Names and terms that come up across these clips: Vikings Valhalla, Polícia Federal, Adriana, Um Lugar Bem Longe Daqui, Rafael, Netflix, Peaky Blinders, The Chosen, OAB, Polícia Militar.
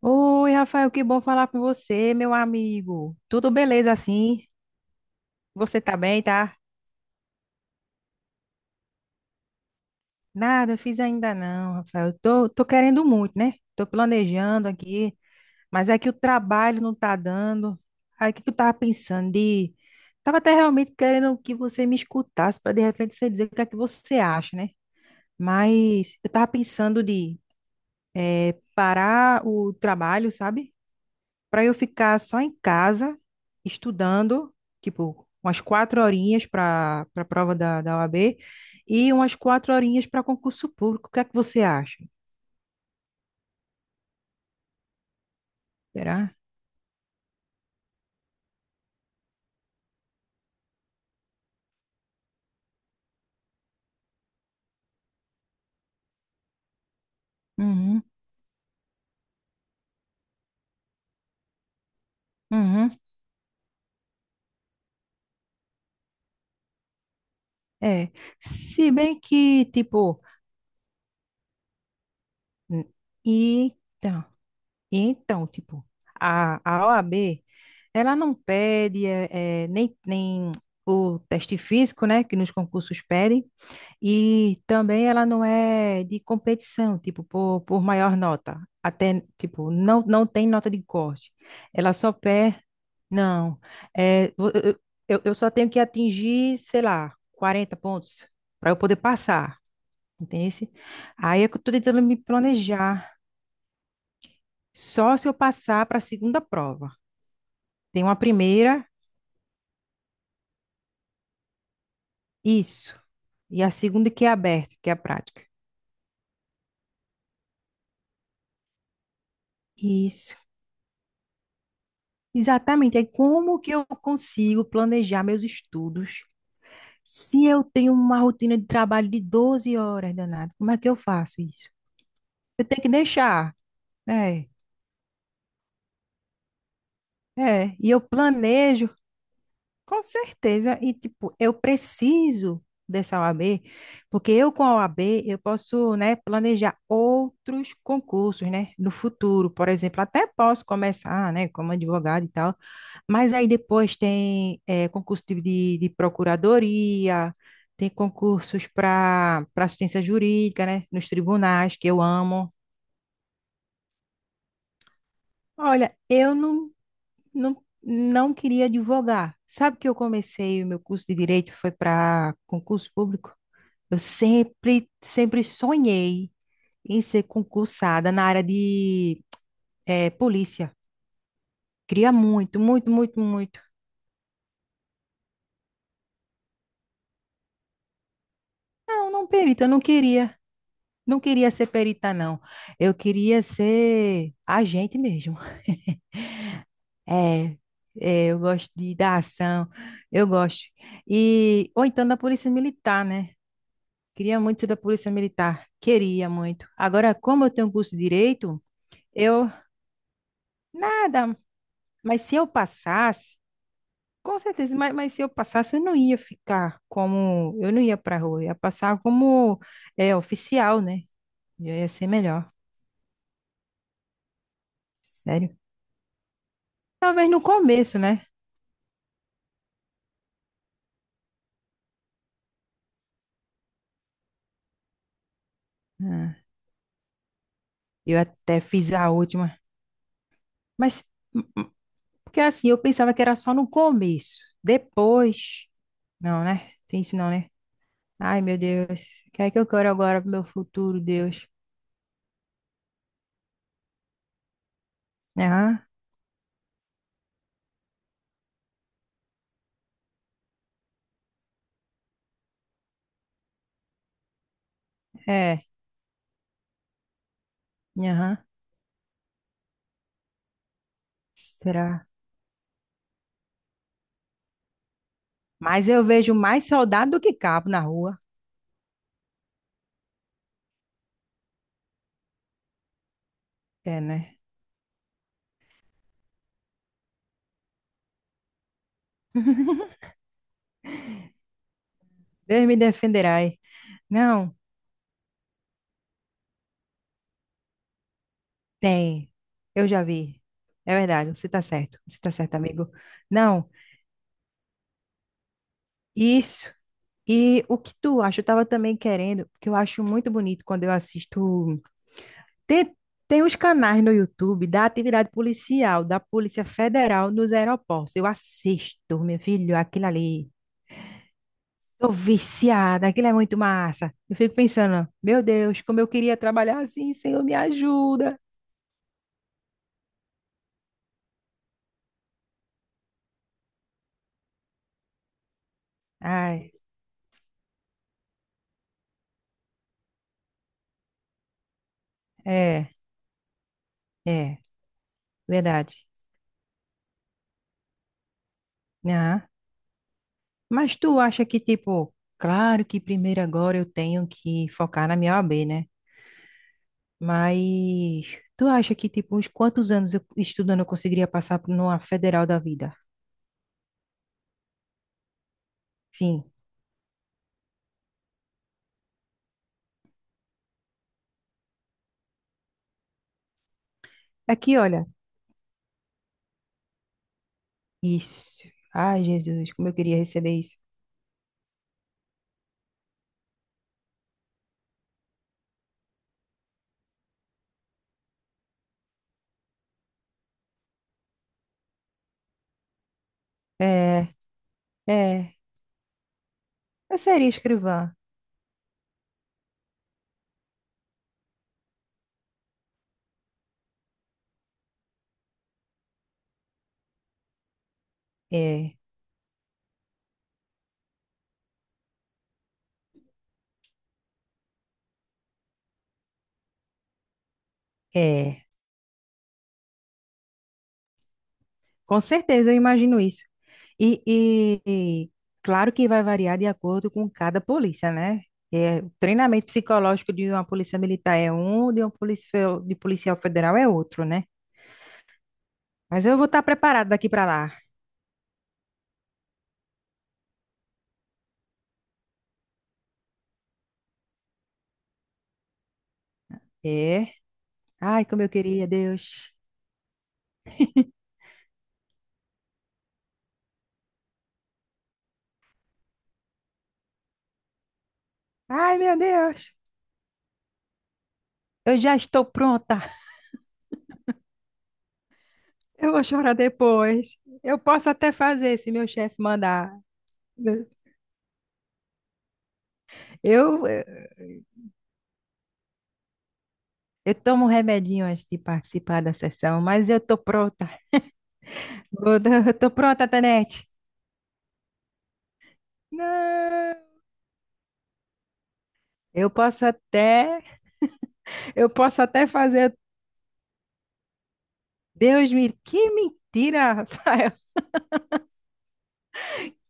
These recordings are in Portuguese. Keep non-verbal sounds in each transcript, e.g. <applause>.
Oi, Rafael, que bom falar com você, meu amigo. Tudo beleza assim? Você tá bem, tá? Nada, fiz ainda não, Rafael. Tô querendo muito, né? Tô planejando aqui, mas é que o trabalho não tá dando. Aí o que que eu tava pensando de... Tava até realmente querendo que você me escutasse para de repente você dizer o que é que você acha, né? Mas eu tava pensando de parar o trabalho, sabe? Para eu ficar só em casa, estudando, tipo, umas quatro horinhas para a prova da OAB e umas quatro horinhas para concurso público. O que é que você acha? Será? Uhum, uhum, é. Se bem que, tipo, n- então, então, tipo, a OAB, ela não pede nem o teste físico, né, que nos concursos pedem. E também ela não é de competição, tipo, por maior nota. Até, tipo, não tem nota de corte. Ela só pé, não. É, eu só tenho que atingir, sei lá, 40 pontos para eu poder passar, entende? Aí é que eu estou tentando me planejar. Só se eu passar para a segunda prova. Tem uma primeira, isso. E a segunda, que é aberta, que é a prática. Isso. Exatamente, é como que eu consigo planejar meus estudos se eu tenho uma rotina de trabalho de 12 horas, danado? Como é que eu faço isso? Eu tenho que deixar, é, é, e eu planejo. Com certeza. E, tipo, eu preciso dessa OAB, porque eu com a OAB eu posso, né, planejar outros concursos, né, no futuro. Por exemplo, até posso começar, né, como advogado e tal, mas aí depois tem concurso de procuradoria, tem concursos para assistência jurídica, né, nos tribunais, que eu amo. Olha, eu não, não, não queria advogar. Sabe que eu comecei o meu curso de direito foi para concurso público? Eu sempre sonhei em ser concursada na área de polícia. Queria muito, muito, muito, muito. Não, não perita, eu não queria. Não queria ser perita, não. Eu queria ser agente mesmo. <laughs> É, é, eu gosto de, da ação, eu gosto. E, ou então da polícia militar, né? Queria muito ser da Polícia Militar. Queria muito. Agora, como eu tenho curso de direito, eu. Nada. Mas se eu passasse, com certeza, mas se eu passasse, eu não ia ficar como. Eu não ia pra rua, eu ia passar como é, oficial, né? Eu ia ser melhor. Sério. Talvez no começo, né? Ah, eu até fiz a última. Mas. Hum, porque assim, eu pensava que era só no começo. Depois. Não, né? Tem isso não, né? Ai, meu Deus. O que é que eu quero agora pro meu futuro, Deus? Aham, é. Aham. Será? Mas eu vejo mais soldado do que cabo na rua. É, né? <laughs> Deus me defenderá, hein? Não, tem. Eu já vi. É verdade, você tá certo. Você tá certo, amigo. Não, isso. E o que tu acha? Eu tava também querendo, porque eu acho muito bonito quando eu assisto. Tem, tem os canais no YouTube da atividade policial, da Polícia Federal nos aeroportos. Eu assisto, meu filho, aquilo ali. Tô viciada, aquilo é muito massa. Eu fico pensando, meu Deus, como eu queria trabalhar assim, Senhor, me ajuda. Ai, é, é, verdade. Ah, mas tu acha que, tipo, claro que primeiro agora eu tenho que focar na minha OAB, né? Mas tu acha que, tipo, uns quantos anos eu estudando eu conseguiria passar por numa federal da vida? Sim. Aqui, olha. Isso. Ai, Jesus, como eu queria receber isso. É, é. Eu seria escrivã. É, é. Com certeza, eu imagino isso. E, e- e claro que vai variar de acordo com cada polícia, né? É, o treinamento psicológico de uma polícia militar é um, de uma polícia de policial federal é outro, né? Mas eu vou estar preparada daqui para lá. É. Ai, como eu queria, Deus. <laughs> Ai, meu Deus. Eu já estou pronta. Eu vou chorar depois. Eu posso até fazer se meu chefe mandar. Eu, eu, tomo um remedinho antes de participar da sessão, mas eu tô pronta. Eu tô pronta, Tanete. Não, eu posso até, eu posso até fazer. Deus me, que mentira, Rafael.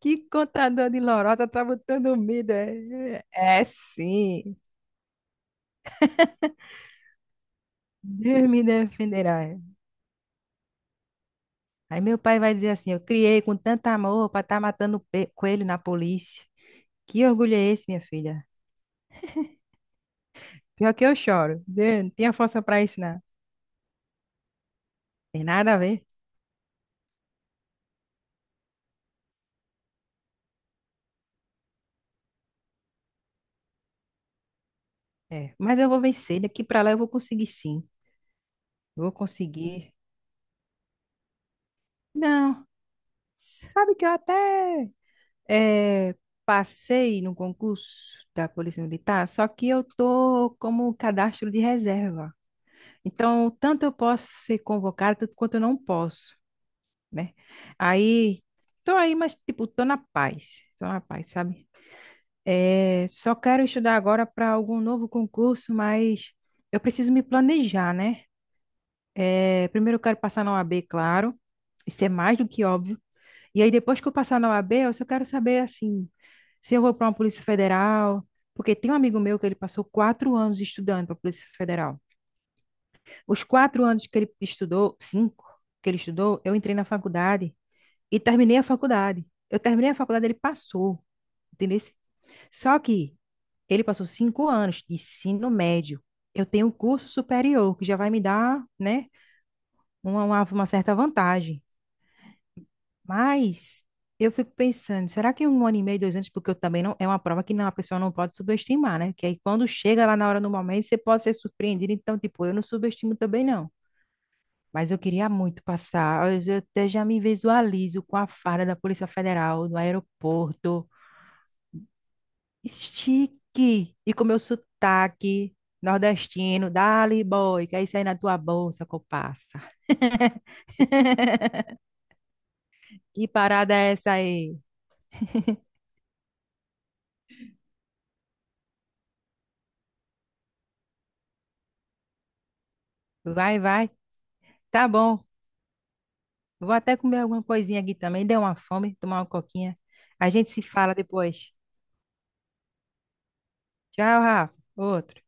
Que contador de lorota tá botando medo. É, é sim. Deus me defenderá. Aí meu pai vai dizer assim: eu criei com tanto amor para estar matando coelho na polícia. Que orgulho é esse, minha filha? Pior que eu choro. Dê, não tinha força para isso, não. Tem nada a ver. É, mas eu vou vencer. Daqui para lá eu vou conseguir, sim. Eu vou conseguir. Não. Sabe que eu até eh, passei no concurso da Polícia Militar, só que eu tô como um cadastro de reserva. Então, tanto eu posso ser convocada, tanto quanto eu não posso, né? Aí, tô aí, mas, tipo, tô na paz, sabe? É, só quero estudar agora para algum novo concurso, mas eu preciso me planejar, né? É, primeiro eu quero passar na OAB, claro, isso é mais do que óbvio. E aí, depois que eu passar na OAB, eu só quero saber, assim, se eu vou para uma Polícia Federal, porque tem um amigo meu que ele passou 4 anos estudando para a Polícia Federal. Os 4 anos que ele estudou, cinco que ele estudou, eu entrei na faculdade e terminei a faculdade. Eu terminei a faculdade, ele passou, entendeu? Só que ele passou 5 anos de ensino médio. Eu tenho um curso superior, que já vai me dar, né, uma certa vantagem. Mas eu fico pensando, será que 1 ano e meio, 2 anos, porque eu também não, é uma prova que não, a pessoa não pode subestimar, né? Que aí quando chega lá na hora, no momento, você pode ser surpreendido. Então, tipo, eu não subestimo também, não. Mas eu queria muito passar. Até já me visualizo com a farda da Polícia Federal no aeroporto. Estique e com meu sotaque nordestino, dali boy, que é isso aí na tua bolsa, copaça. Que parada é essa aí? Vai, vai. Tá bom. Vou até comer alguma coisinha aqui também. Deu uma fome, tomar uma coquinha. A gente se fala depois. Tchau, Rafa. Outro.